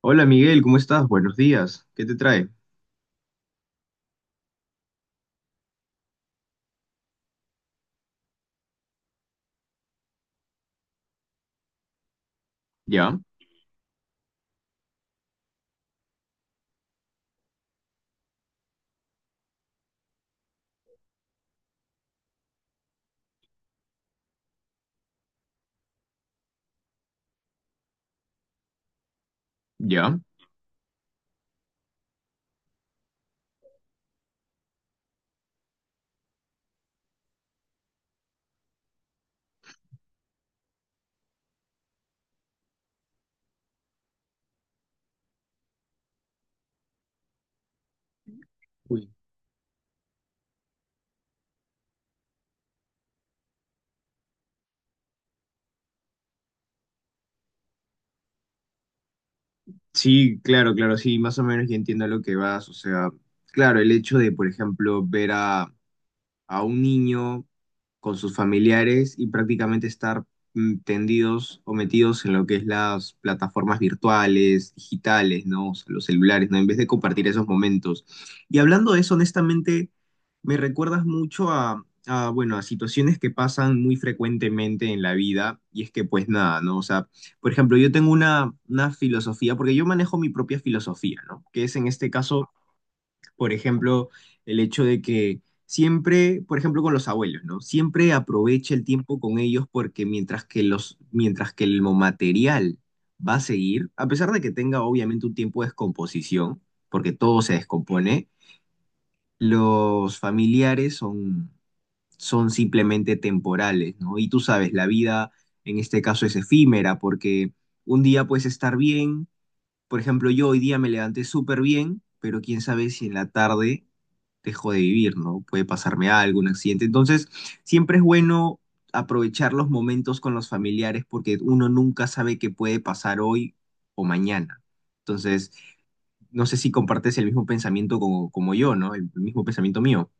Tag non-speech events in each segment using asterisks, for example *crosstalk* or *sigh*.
Hola Miguel, ¿cómo estás? Buenos días. ¿Qué te trae? Ya, ya. Uy. Sí, claro, claro, sí, más o menos ya entiendo a lo que vas. O sea, claro, el hecho de, por ejemplo, ver a un niño con sus familiares y prácticamente estar tendidos o metidos en lo que es las plataformas virtuales, digitales, ¿no? O sea, los celulares, ¿no? En vez de compartir esos momentos. Y hablando de eso, honestamente, me recuerdas mucho bueno, a situaciones que pasan muy frecuentemente en la vida y es que pues nada, ¿no? O sea, por ejemplo, yo tengo una filosofía, porque yo manejo mi propia filosofía, ¿no? Que es en este caso, por ejemplo, el hecho de que siempre, por ejemplo, con los abuelos, ¿no? Siempre aprovecha el tiempo con ellos porque mientras que el material va a seguir, a pesar de que tenga obviamente un tiempo de descomposición, porque todo se descompone, los familiares son simplemente temporales, ¿no? Y tú sabes, la vida en este caso es efímera porque un día puedes estar bien, por ejemplo, yo hoy día me levanté súper bien, pero quién sabe si en la tarde dejo de vivir, ¿no? Puede pasarme algo, un accidente. Entonces, siempre es bueno aprovechar los momentos con los familiares porque uno nunca sabe qué puede pasar hoy o mañana. Entonces, no sé si compartes el mismo pensamiento como, yo, ¿no? El mismo pensamiento mío.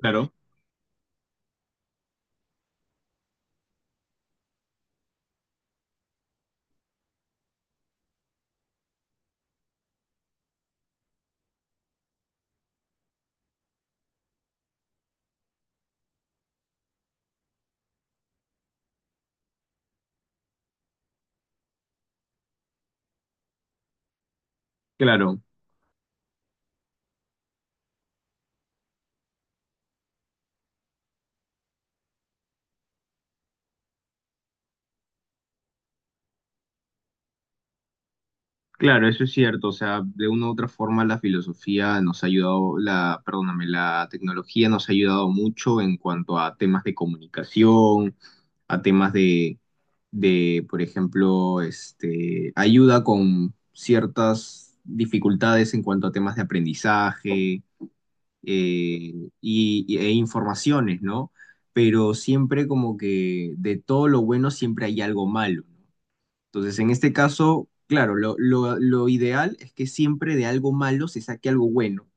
Claro, claro. Claro, eso es cierto. O sea, de una u otra forma la filosofía nos ha ayudado, la, perdóname, la tecnología nos ha ayudado mucho en cuanto a temas de comunicación, a temas por ejemplo, este, ayuda con ciertas dificultades en cuanto a temas de aprendizaje, e informaciones, ¿no? Pero siempre como que de todo lo bueno siempre hay algo malo. Entonces, en este caso, claro, lo, lo ideal es que siempre de algo malo se saque algo bueno.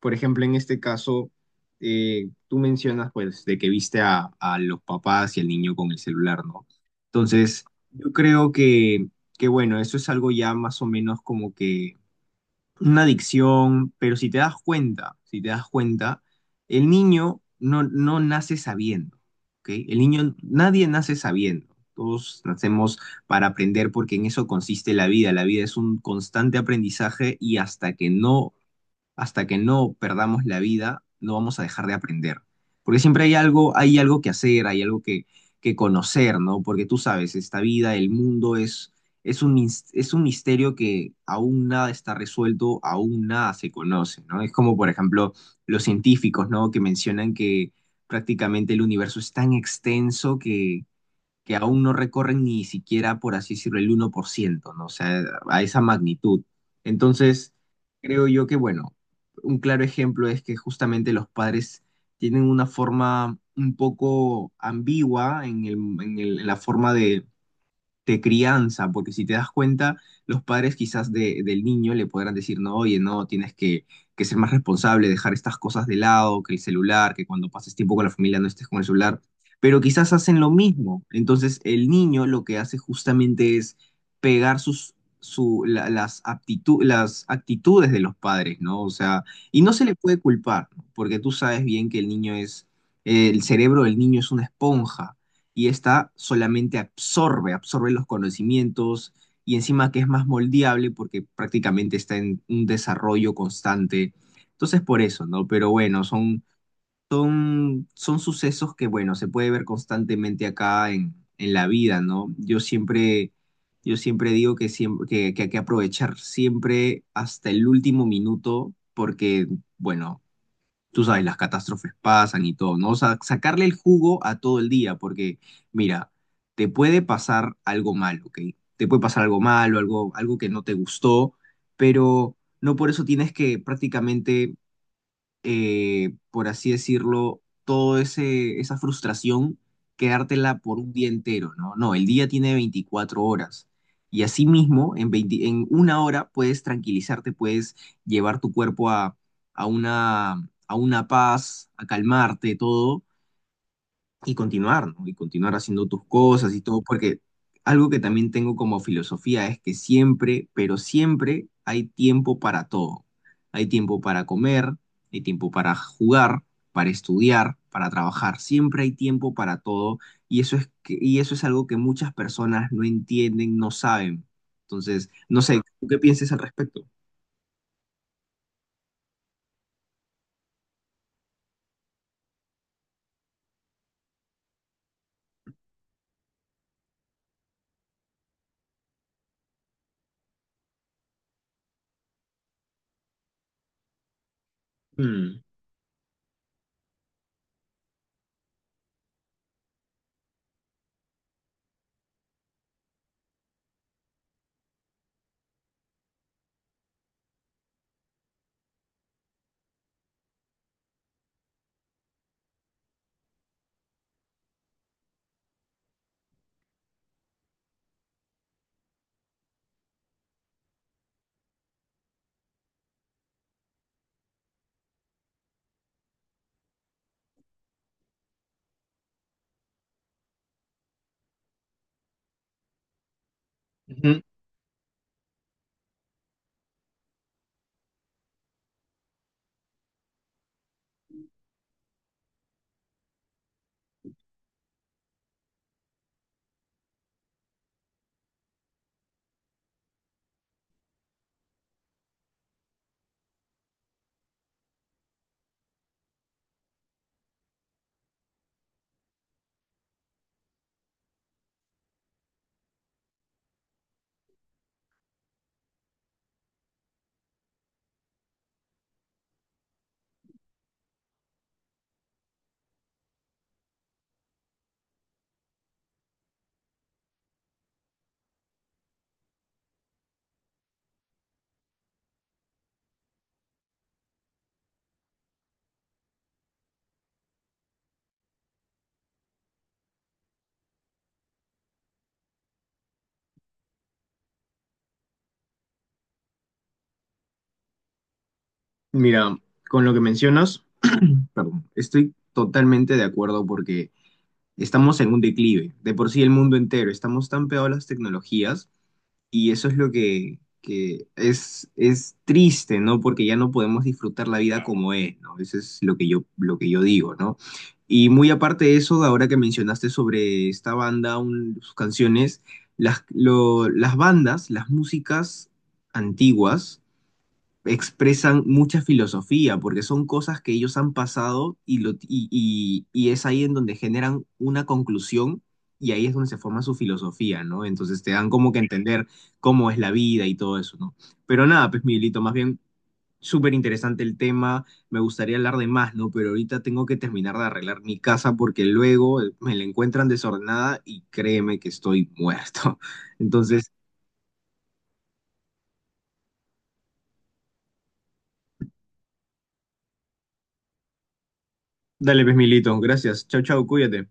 Por ejemplo, en este caso, tú mencionas, pues, de que viste a, los papás y al niño con el celular, ¿no? Entonces, yo creo que, bueno, eso es algo ya más o menos como que una adicción, pero si te das cuenta, si te das cuenta, el niño no, no nace sabiendo, ¿ok? El niño, nadie nace sabiendo. Todos nacemos para aprender porque en eso consiste la vida. La vida es un constante aprendizaje y hasta que no perdamos la vida, no vamos a dejar de aprender. Porque siempre hay algo que hacer, hay algo que conocer, ¿no? Porque tú sabes, esta vida, el mundo es un misterio que aún nada está resuelto, aún nada se conoce, ¿no? Es como, por ejemplo, los científicos, ¿no? Que mencionan que prácticamente el universo es tan extenso que aún no recorren ni siquiera, por así decirlo, el 1%, ¿no? O sea, a esa magnitud. Entonces, creo yo que, bueno, un claro ejemplo es que justamente los padres tienen una forma un poco ambigua en el- en la forma de crianza, porque si te das cuenta, los padres quizás del niño le podrán decir, no, oye, no, tienes que, ser más responsable, dejar estas cosas de lado, que el celular, que cuando pases tiempo con la familia no estés con el celular, pero quizás hacen lo mismo. Entonces el niño lo que hace justamente es pegar sus, su, la- las aptitu- las actitudes de los padres, ¿no? O sea, y no se le puede culpar, ¿no? Porque tú sabes bien que el cerebro del niño es una esponja y esta solamente absorbe, absorbe los conocimientos y encima que es más moldeable porque prácticamente está en un desarrollo constante. Entonces por eso, ¿no? Pero bueno, son, son sucesos que, bueno, se puede ver constantemente acá en la vida, ¿no? Yo siempre digo que, siempre, que, hay que aprovechar siempre hasta el último minuto porque, bueno, tú sabes, las catástrofes pasan y todo, ¿no? O sea, sacarle el jugo a todo el día, porque mira, te puede pasar algo malo, ¿ok? Te puede pasar algo malo, algo, algo que no te gustó, pero no por eso tienes que prácticamente, por así decirlo, toda esa frustración, quedártela por un día entero, ¿no? No, el día tiene 24 horas. Y asimismo, en una hora puedes tranquilizarte, puedes llevar tu cuerpo a, a una paz, a calmarte, todo y continuar, ¿no? Y continuar haciendo tus cosas y todo, porque algo que también tengo como filosofía es que siempre, pero siempre hay tiempo para todo. Hay tiempo para comer, hay tiempo para jugar, para estudiar, para trabajar. Siempre hay tiempo para todo y y eso es algo que muchas personas no entienden, no saben. Entonces, no sé, ¿tú qué piensas al respecto? Mm, ujú. Mira, con lo que mencionas, perdón, estoy totalmente de acuerdo porque estamos en un declive, de por sí el mundo entero, estamos tan pegados a las tecnologías y eso es lo que es triste, ¿no? Porque ya no podemos disfrutar la vida como es, ¿no? Eso es lo que yo digo, ¿no? Y muy aparte de eso, ahora que mencionaste sobre esta banda, sus canciones, las, las bandas, las músicas antiguas, expresan mucha filosofía, porque son cosas que ellos han pasado y, lo, y, y es ahí en donde generan una conclusión y ahí es donde se forma su filosofía, ¿no? Entonces te dan como que entender cómo es la vida y todo eso, ¿no? Pero nada, pues Miguelito, más bien súper interesante el tema, me gustaría hablar de más, ¿no? Pero ahorita tengo que terminar de arreglar mi casa porque luego, me la encuentran desordenada y créeme que estoy muerto. *laughs* Entonces, dale, pues Miguelito, gracias, chau, chau, cuídate.